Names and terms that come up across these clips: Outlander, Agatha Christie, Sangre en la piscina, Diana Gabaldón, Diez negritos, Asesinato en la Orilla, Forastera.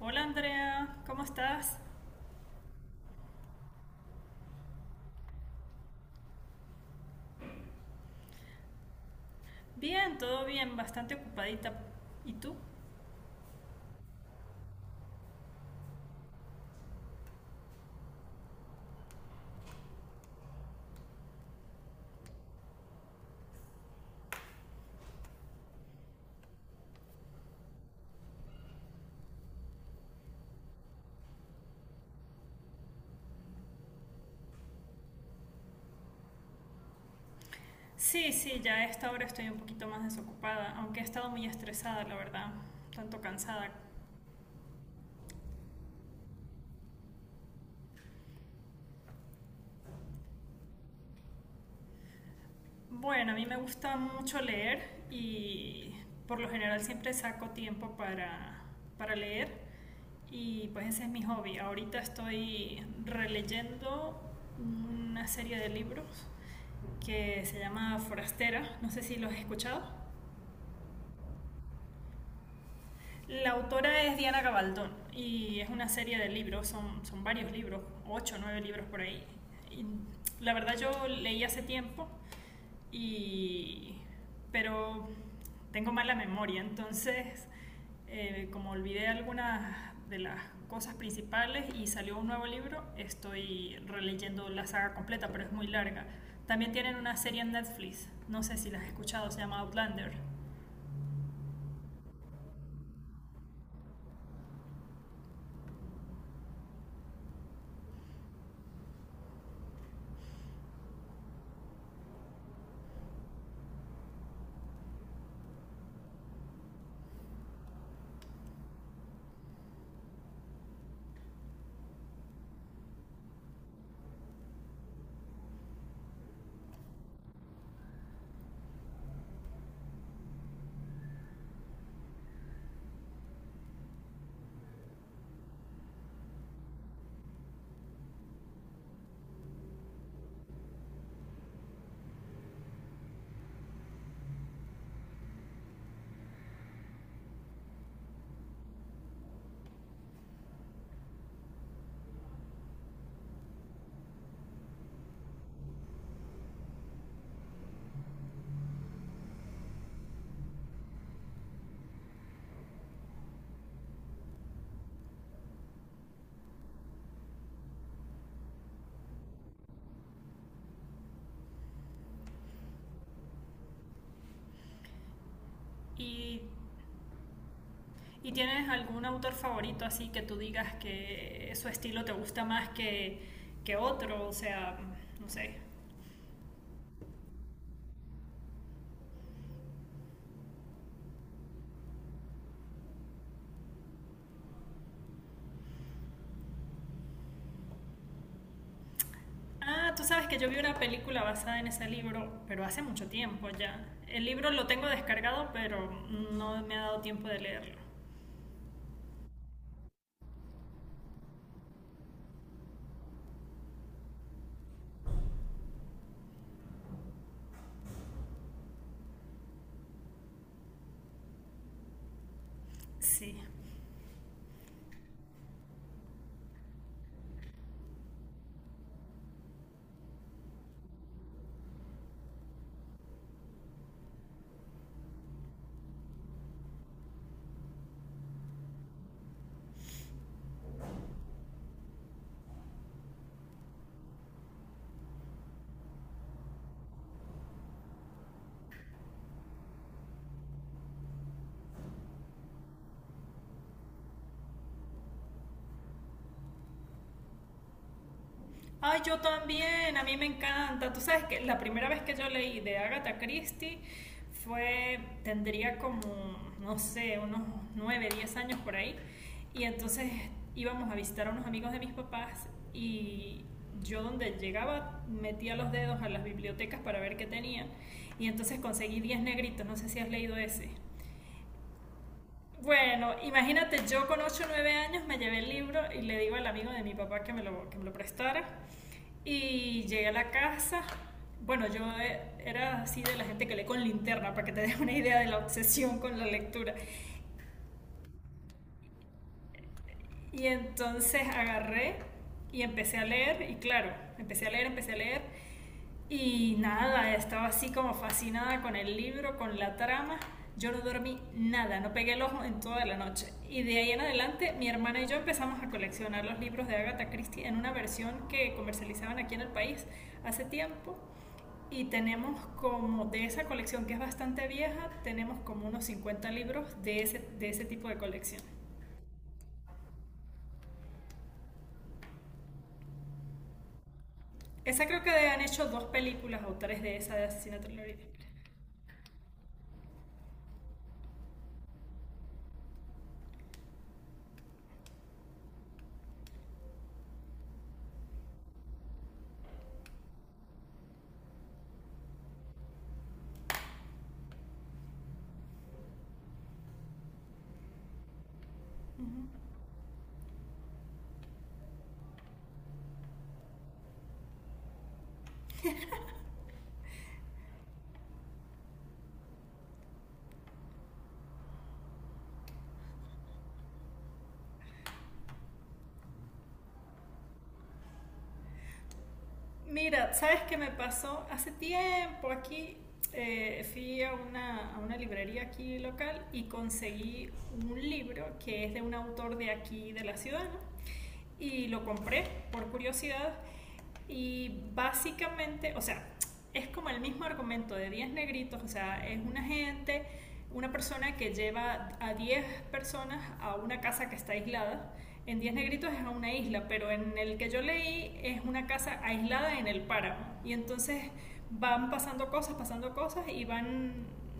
Hola Andrea, ¿cómo estás? Bien, todo bien, bastante ocupadita. ¿Y tú? Sí, sí, ya a esta hora estoy un poquito más desocupada, aunque he estado muy estresada, la verdad, tanto cansada. Bueno, a mí me gusta mucho leer y por lo general siempre saco tiempo para leer y pues ese es mi hobby. Ahorita estoy releyendo una serie de libros que se llama Forastera, no sé si los has escuchado. La autora es Diana Gabaldón y es una serie de libros, son varios libros, ocho o nueve libros por ahí. Y la verdad yo leí hace tiempo, y, pero tengo mala memoria, entonces como olvidé algunas de las cosas principales y salió un nuevo libro, estoy releyendo la saga completa, pero es muy larga. También tienen una serie en Netflix, no sé si las has escuchado, se llama Outlander. Y ¿Y tienes algún autor favorito así que tú digas que su estilo te gusta más que otro? O sea, no sé. Ah, tú sabes que yo vi una película basada en ese libro, pero hace mucho tiempo ya. El libro lo tengo descargado, pero no me ha dado tiempo de leerlo. Sí. Ay, yo también, a mí me encanta. Tú sabes que la primera vez que yo leí de Agatha Christie fue, tendría como, no sé, unos 9, 10 años por ahí. Y entonces íbamos a visitar a unos amigos de mis papás y yo donde llegaba metía los dedos a las bibliotecas para ver qué tenían. Y entonces conseguí Diez Negritos, no sé si has leído ese. Bueno, imagínate, yo con ocho o 9 años me llevé el libro y le digo al amigo de mi papá que me lo prestara. Y llegué a la casa. Bueno, yo era así de la gente que lee con linterna, para que te des una idea de la obsesión con la lectura. Y entonces agarré y empecé a leer, y claro, empecé a leer, y nada, estaba así como fascinada con el libro, con la trama. Yo no dormí nada, no pegué el ojo en toda la noche. Y de ahí en adelante, mi hermana y yo empezamos a coleccionar los libros de Agatha Christie en una versión que comercializaban aquí en el país hace tiempo. Y tenemos como de esa colección que es bastante vieja, tenemos como unos 50 libros de ese tipo de colección. Esa creo que han hecho dos películas o tres de esa de Asesinato en la Orilla. Mira, ¿sabes qué me pasó? Hace tiempo aquí fui a una librería aquí local y conseguí un libro que es de un autor de aquí, de la ciudad, ¿no? Y lo compré por curiosidad y básicamente, o sea, es como el mismo argumento de Diez Negritos, o sea, es una gente, una persona que lleva a 10 personas a una casa que está aislada. En Diez Negritos es a una isla, pero en el que yo leí es una casa aislada en el páramo. Y entonces van pasando cosas y van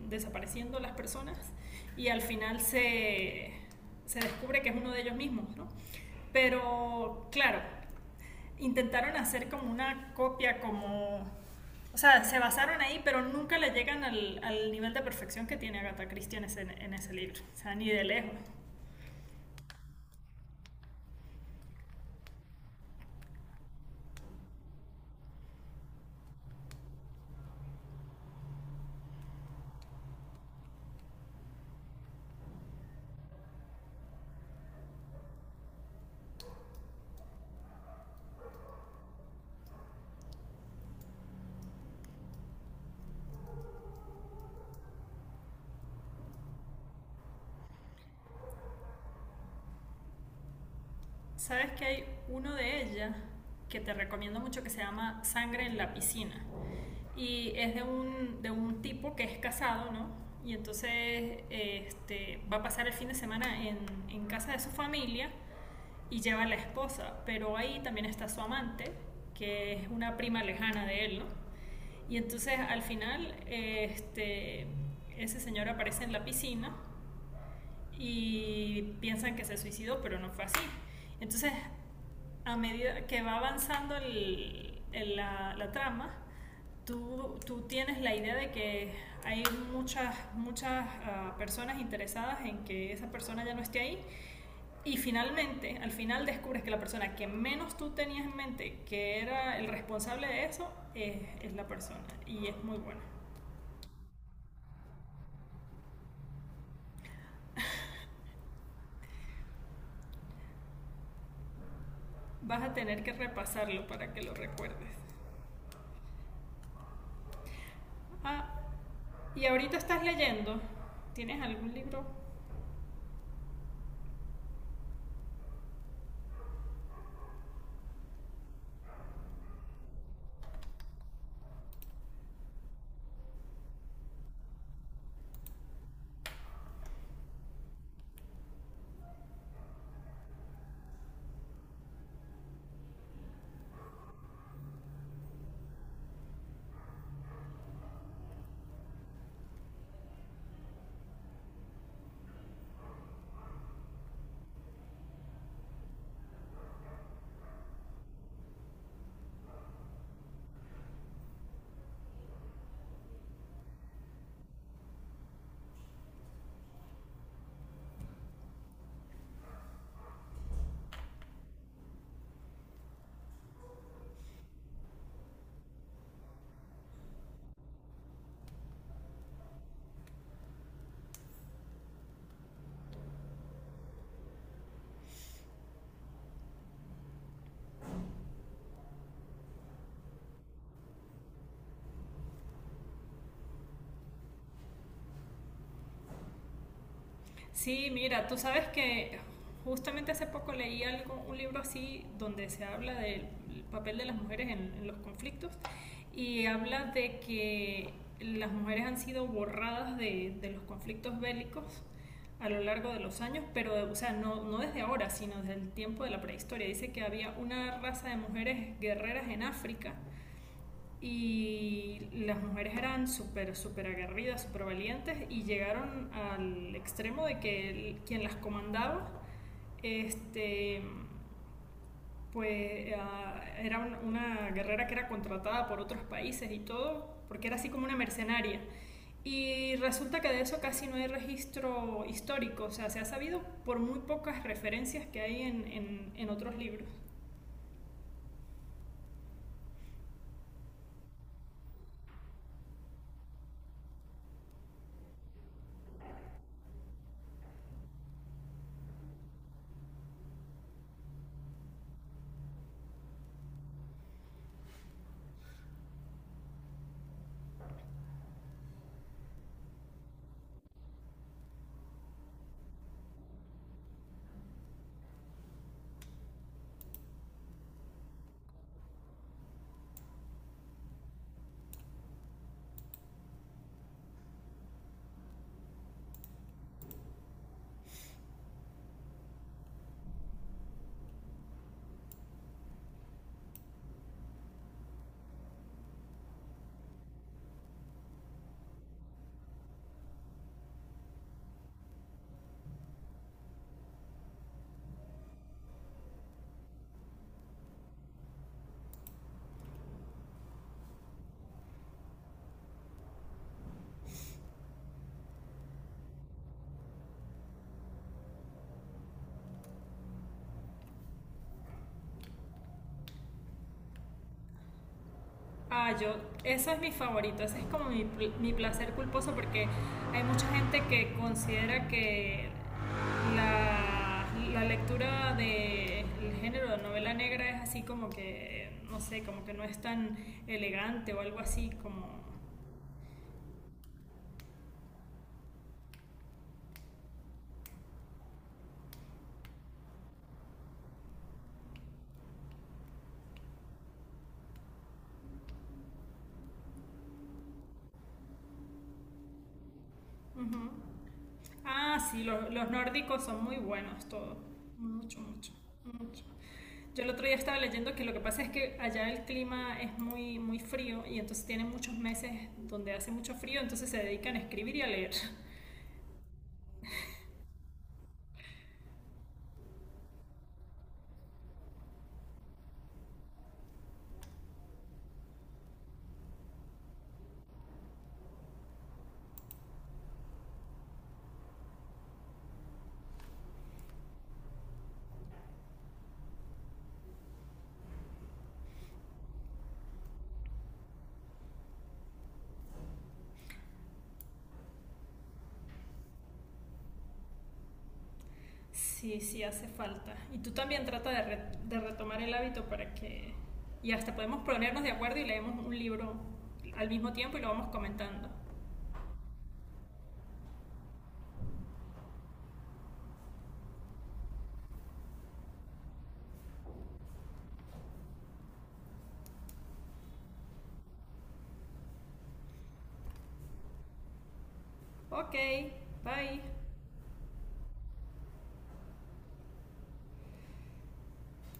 desapareciendo las personas y al final se descubre que es uno de ellos mismos, ¿no? Pero claro, intentaron hacer como una copia, como. O sea, se basaron ahí, pero nunca le llegan al nivel de perfección que tiene Agatha Christie en ese libro. O sea, ni de lejos. ¿Sabes que hay uno de ella que te recomiendo mucho que se llama Sangre en la Piscina? Y es de un tipo que es casado, ¿no? Y entonces este, va a pasar el fin de semana en casa de su familia y lleva a la esposa, pero ahí también está su amante, que es una prima lejana de él, ¿no? Y entonces al final este, ese señor aparece en la piscina y piensan que se suicidó, pero no fue así. Entonces, a medida que va avanzando la trama, tú tienes la idea de que hay muchas personas interesadas en que esa persona ya no esté ahí. Y finalmente, al final descubres que la persona que menos tú tenías en mente que era el responsable de eso, es la persona. Y es muy buena. Vas a tener que repasarlo para que lo recuerdes. Ah, y ahorita estás leyendo. ¿Tienes algún libro? Sí, mira, tú sabes que justamente hace poco leí algo, un libro así donde se habla del papel de las mujeres en los conflictos y habla de que las mujeres han sido borradas de los conflictos bélicos a lo largo de los años, pero o sea, no, no desde ahora, sino desde el tiempo de la prehistoria. Dice que había una raza de mujeres guerreras en África y las mujeres eran súper, súper aguerridas, súper valientes y llegaron al extremo de que quien las comandaba, este, pues era una guerrera que era contratada por otros países y todo, porque era así como una mercenaria. Y resulta que de eso casi no hay registro histórico, o sea, se ha sabido por muy pocas referencias que hay en otros libros. Ah, eso es mi favorito, ese es como mi placer culposo porque hay mucha gente que considera que la, la lectura del género de novela negra es así como que, no sé, como que no es tan elegante o algo así como. Ujú. Ah, sí, los nórdicos son muy buenos todos. Mucho, mucho, mucho. Yo el otro día estaba leyendo que lo que pasa es que allá el clima es muy, muy frío y entonces tienen muchos meses donde hace mucho frío, entonces se dedican a escribir y a leer. Sí, sí hace falta. Y tú también trata de retomar el hábito para que. Y hasta podemos ponernos de acuerdo y leemos un libro al mismo tiempo y lo vamos comentando. Ok, bye.